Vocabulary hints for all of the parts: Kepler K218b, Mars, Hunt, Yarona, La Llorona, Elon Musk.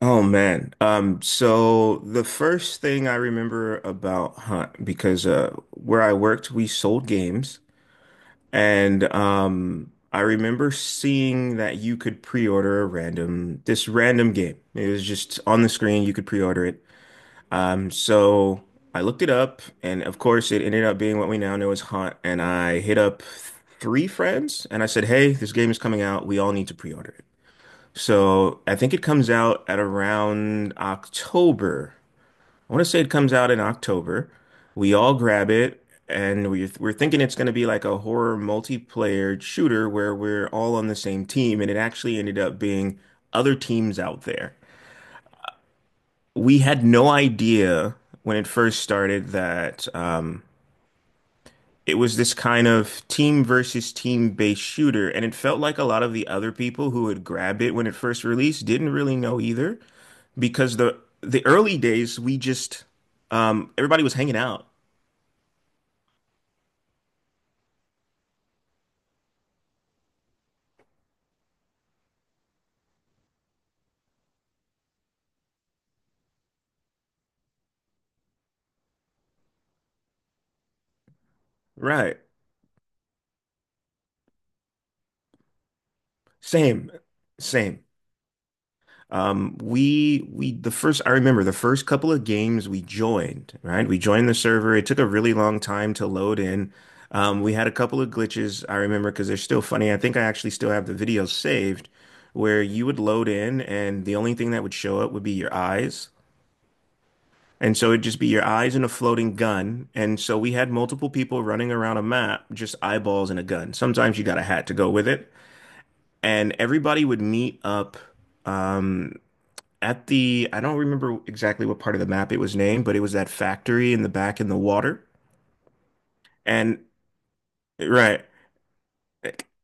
Oh man. So the first thing I remember about Hunt, because where I worked, we sold games and I remember seeing that you could pre-order a random game. It was just on the screen, you could pre-order it. So I looked it up, and of course it ended up being what we now know as Hunt, and I hit up three friends and I said, "Hey, this game is coming out, we all need to pre-order it." So I think it comes out at around October. I want to say it comes out in October. We all grab it, and we're thinking it's going to be like a horror multiplayer shooter where we're all on the same team, and it actually ended up being other teams out there. We had no idea when it first started that it was this kind of team versus team based shooter, and it felt like a lot of the other people who had grabbed it when it first released didn't really know either. Because the early days we just everybody was hanging out. Right. Same. Same. We the first, I remember the first couple of games we joined, right? We joined the server. It took a really long time to load in. We had a couple of glitches I remember because they're still funny. I think I actually still have the videos saved where you would load in and the only thing that would show up would be your eyes. And so it'd just be your eyes and a floating gun. And so we had multiple people running around a map, just eyeballs and a gun. Sometimes you got a hat to go with it. And everybody would meet up um, at the, I don't remember exactly what part of the map it was named, but it was that factory in the back in the water. And right.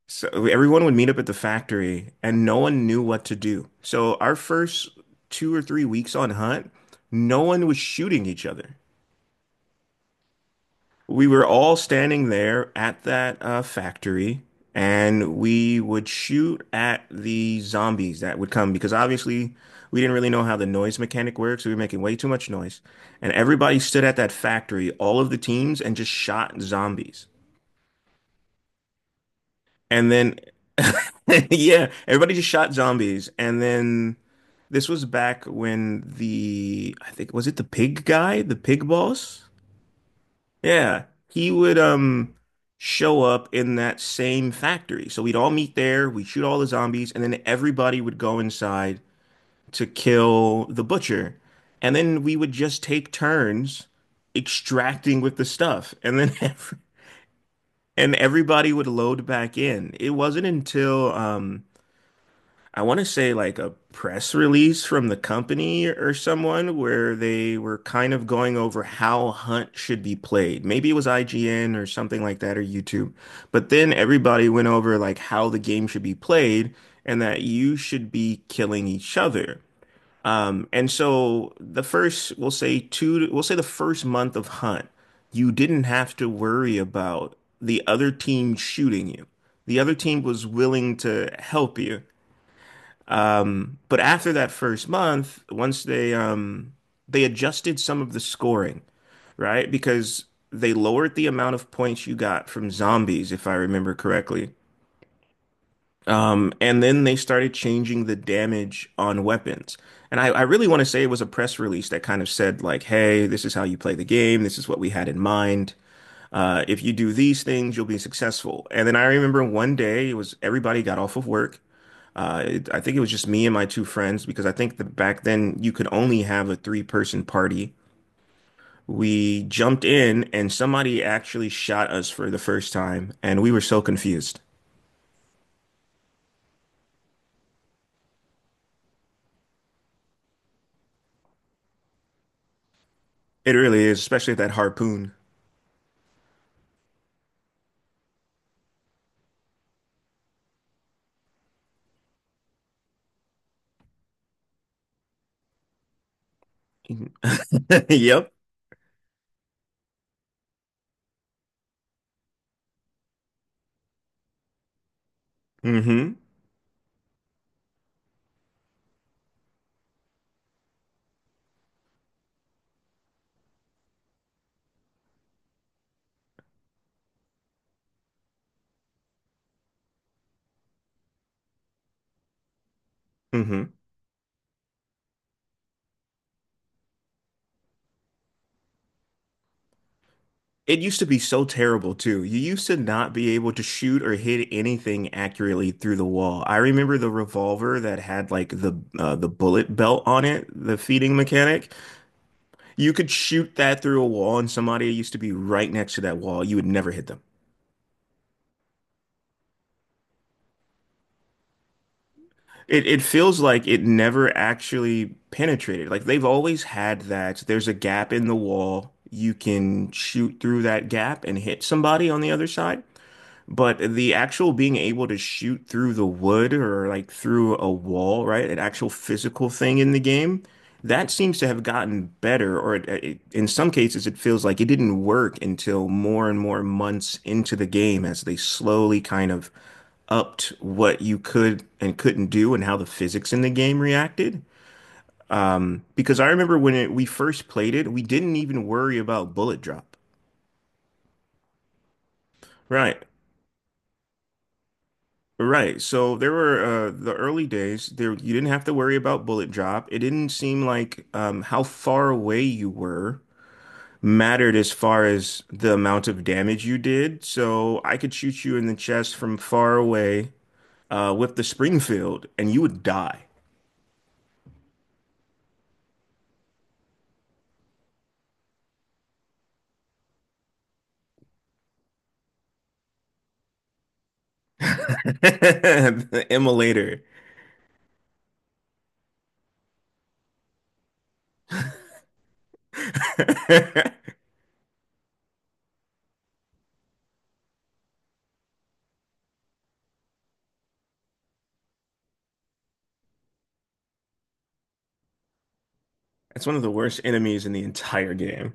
So everyone would meet up at the factory and no one knew what to do. So our first 2 or 3 weeks on Hunt, no one was shooting each other. We were all standing there at that factory, and we would shoot at the zombies that would come because obviously we didn't really know how the noise mechanic works. We were making way too much noise. And everybody stood at that factory, all of the teams, and just shot zombies. And then, yeah, everybody just shot zombies. And then this was back when the, I think, was it the pig guy, the pig boss? Yeah, he would show up in that same factory. So we'd all meet there, we'd shoot all the zombies, and then everybody would go inside to kill the butcher. And then we would just take turns extracting with the stuff. And then everybody would load back in. It wasn't until I want to say like a press release from the company or someone where they were kind of going over how Hunt should be played. Maybe it was IGN or something like that, or YouTube. But then everybody went over like how the game should be played and that you should be killing each other. And so the first, we'll say the first month of Hunt, you didn't have to worry about the other team shooting you. The other team was willing to help you. But after that first month, once they adjusted some of the scoring, right? Because they lowered the amount of points you got from zombies, if I remember correctly. And then they started changing the damage on weapons. And I really want to say it was a press release that kind of said, like, hey, this is how you play the game. This is what we had in mind. If you do these things, you'll be successful. And then I remember one day it was everybody got off of work, I think it was just me and my two friends because I think that back then you could only have a three-person party. We jumped in and somebody actually shot us for the first time, and we were so confused. It really is, especially that harpoon. Yep. hmm hmm It used to be so terrible too. You used to not be able to shoot or hit anything accurately through the wall. I remember the revolver that had like the bullet belt on it, the feeding mechanic. You could shoot that through a wall, and somebody used to be right next to that wall. You would never hit them. It feels like it never actually penetrated. Like they've always had that. There's a gap in the wall. You can shoot through that gap and hit somebody on the other side. But the actual being able to shoot through the wood or like through a wall, right? An actual physical thing in the game, that seems to have gotten better, or in some cases, it feels like it didn't work until more and more months into the game as they slowly kind of upped what you could and couldn't do and how the physics in the game reacted. Because I remember when we first played it, we didn't even worry about bullet drop. Right. Right. So there were the early days there you didn't have to worry about bullet drop. It didn't seem like how far away you were mattered as far as the amount of damage you did. So I could shoot you in the chest from far away with the Springfield and you would die. The immolator. That's one of the worst enemies in the entire game.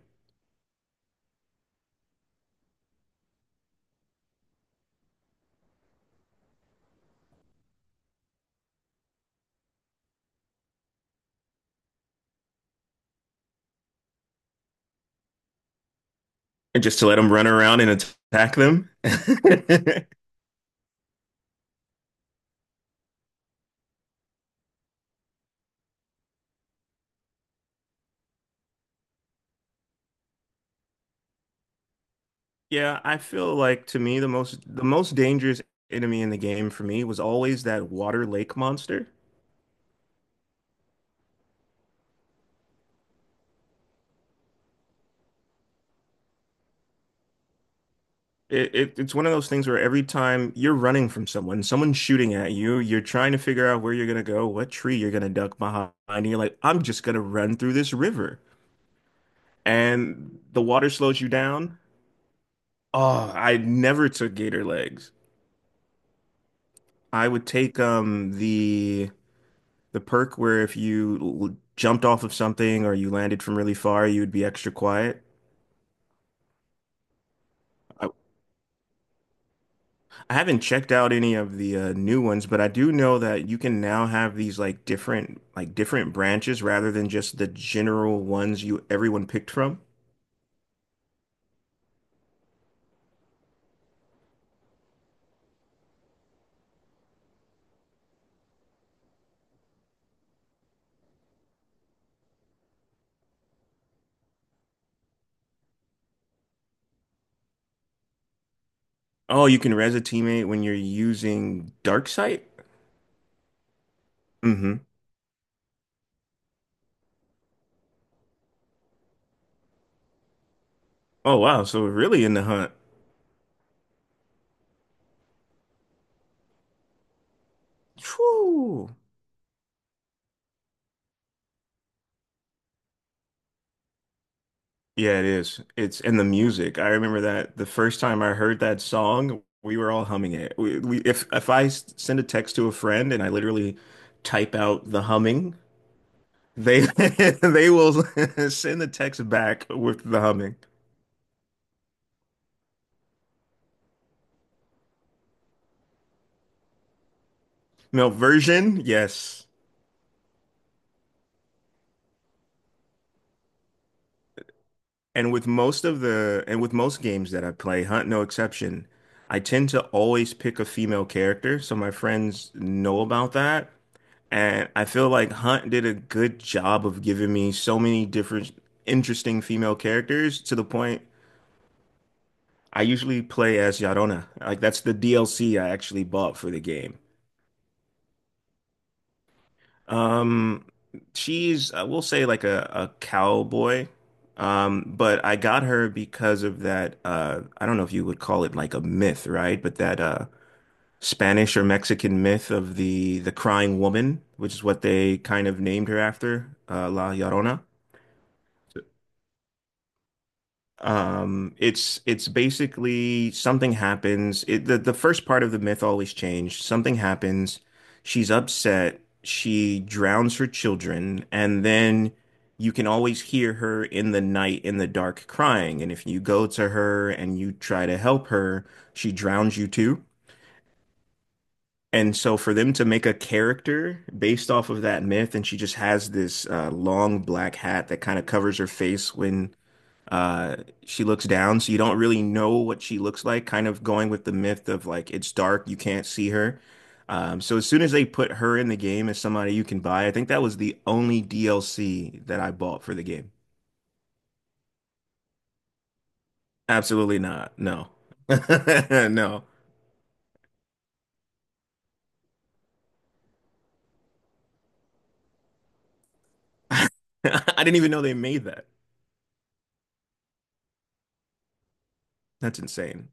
And just to let them run around and attack them. Yeah, I feel like to me the most dangerous enemy in the game for me was always that water lake monster. It's one of those things where every time you're running from someone, someone's shooting at you, you're trying to figure out where you're gonna go, what tree you're gonna duck behind, and you're like, I'm just gonna run through this river. And the water slows you down. Oh, I never took gator legs. I would take the perk where if you jumped off of something or you landed from really far, you would be extra quiet. I haven't checked out any of the new ones, but I do know that you can now have these different branches rather than just the general ones you everyone picked from. Oh, you can res a teammate when you're using Darksight? Mm-hmm. Oh wow, so we're really in the hunt. Whew. Yeah, it is. It's and the music. I remember that the first time I heard that song, we were all humming it. We If I send a text to a friend and I literally type out the humming, they they will send the text back with the humming. No version, yes. And with most games that I play, Hunt no exception, I tend to always pick a female character, so my friends know about that. And I feel like Hunt did a good job of giving me so many different interesting female characters to the point I usually play as Yarona. Like that's the DLC I actually bought for the game. Um, she's, I will say, like a cowboy. But I got her because of that I don't know if you would call it like a myth, right? But that Spanish or Mexican myth of the crying woman, which is what they kind of named her after, uh, La Llorona. It's basically something happens. The first part of the myth always changed. Something happens. She's upset. She drowns her children, and then you can always hear her in the night in the dark crying. And if you go to her and you try to help her, she drowns you too. And so for them to make a character based off of that myth, and she just has this long black hat that kind of covers her face when uh, she looks down, so you don't really know what she looks like, kind of going with the myth of like it's dark, you can't see her. So as soon as they put her in the game as somebody you can buy, I think that was the only DLC that I bought for the game. Absolutely not. No. No. I didn't even know they made that. That's insane.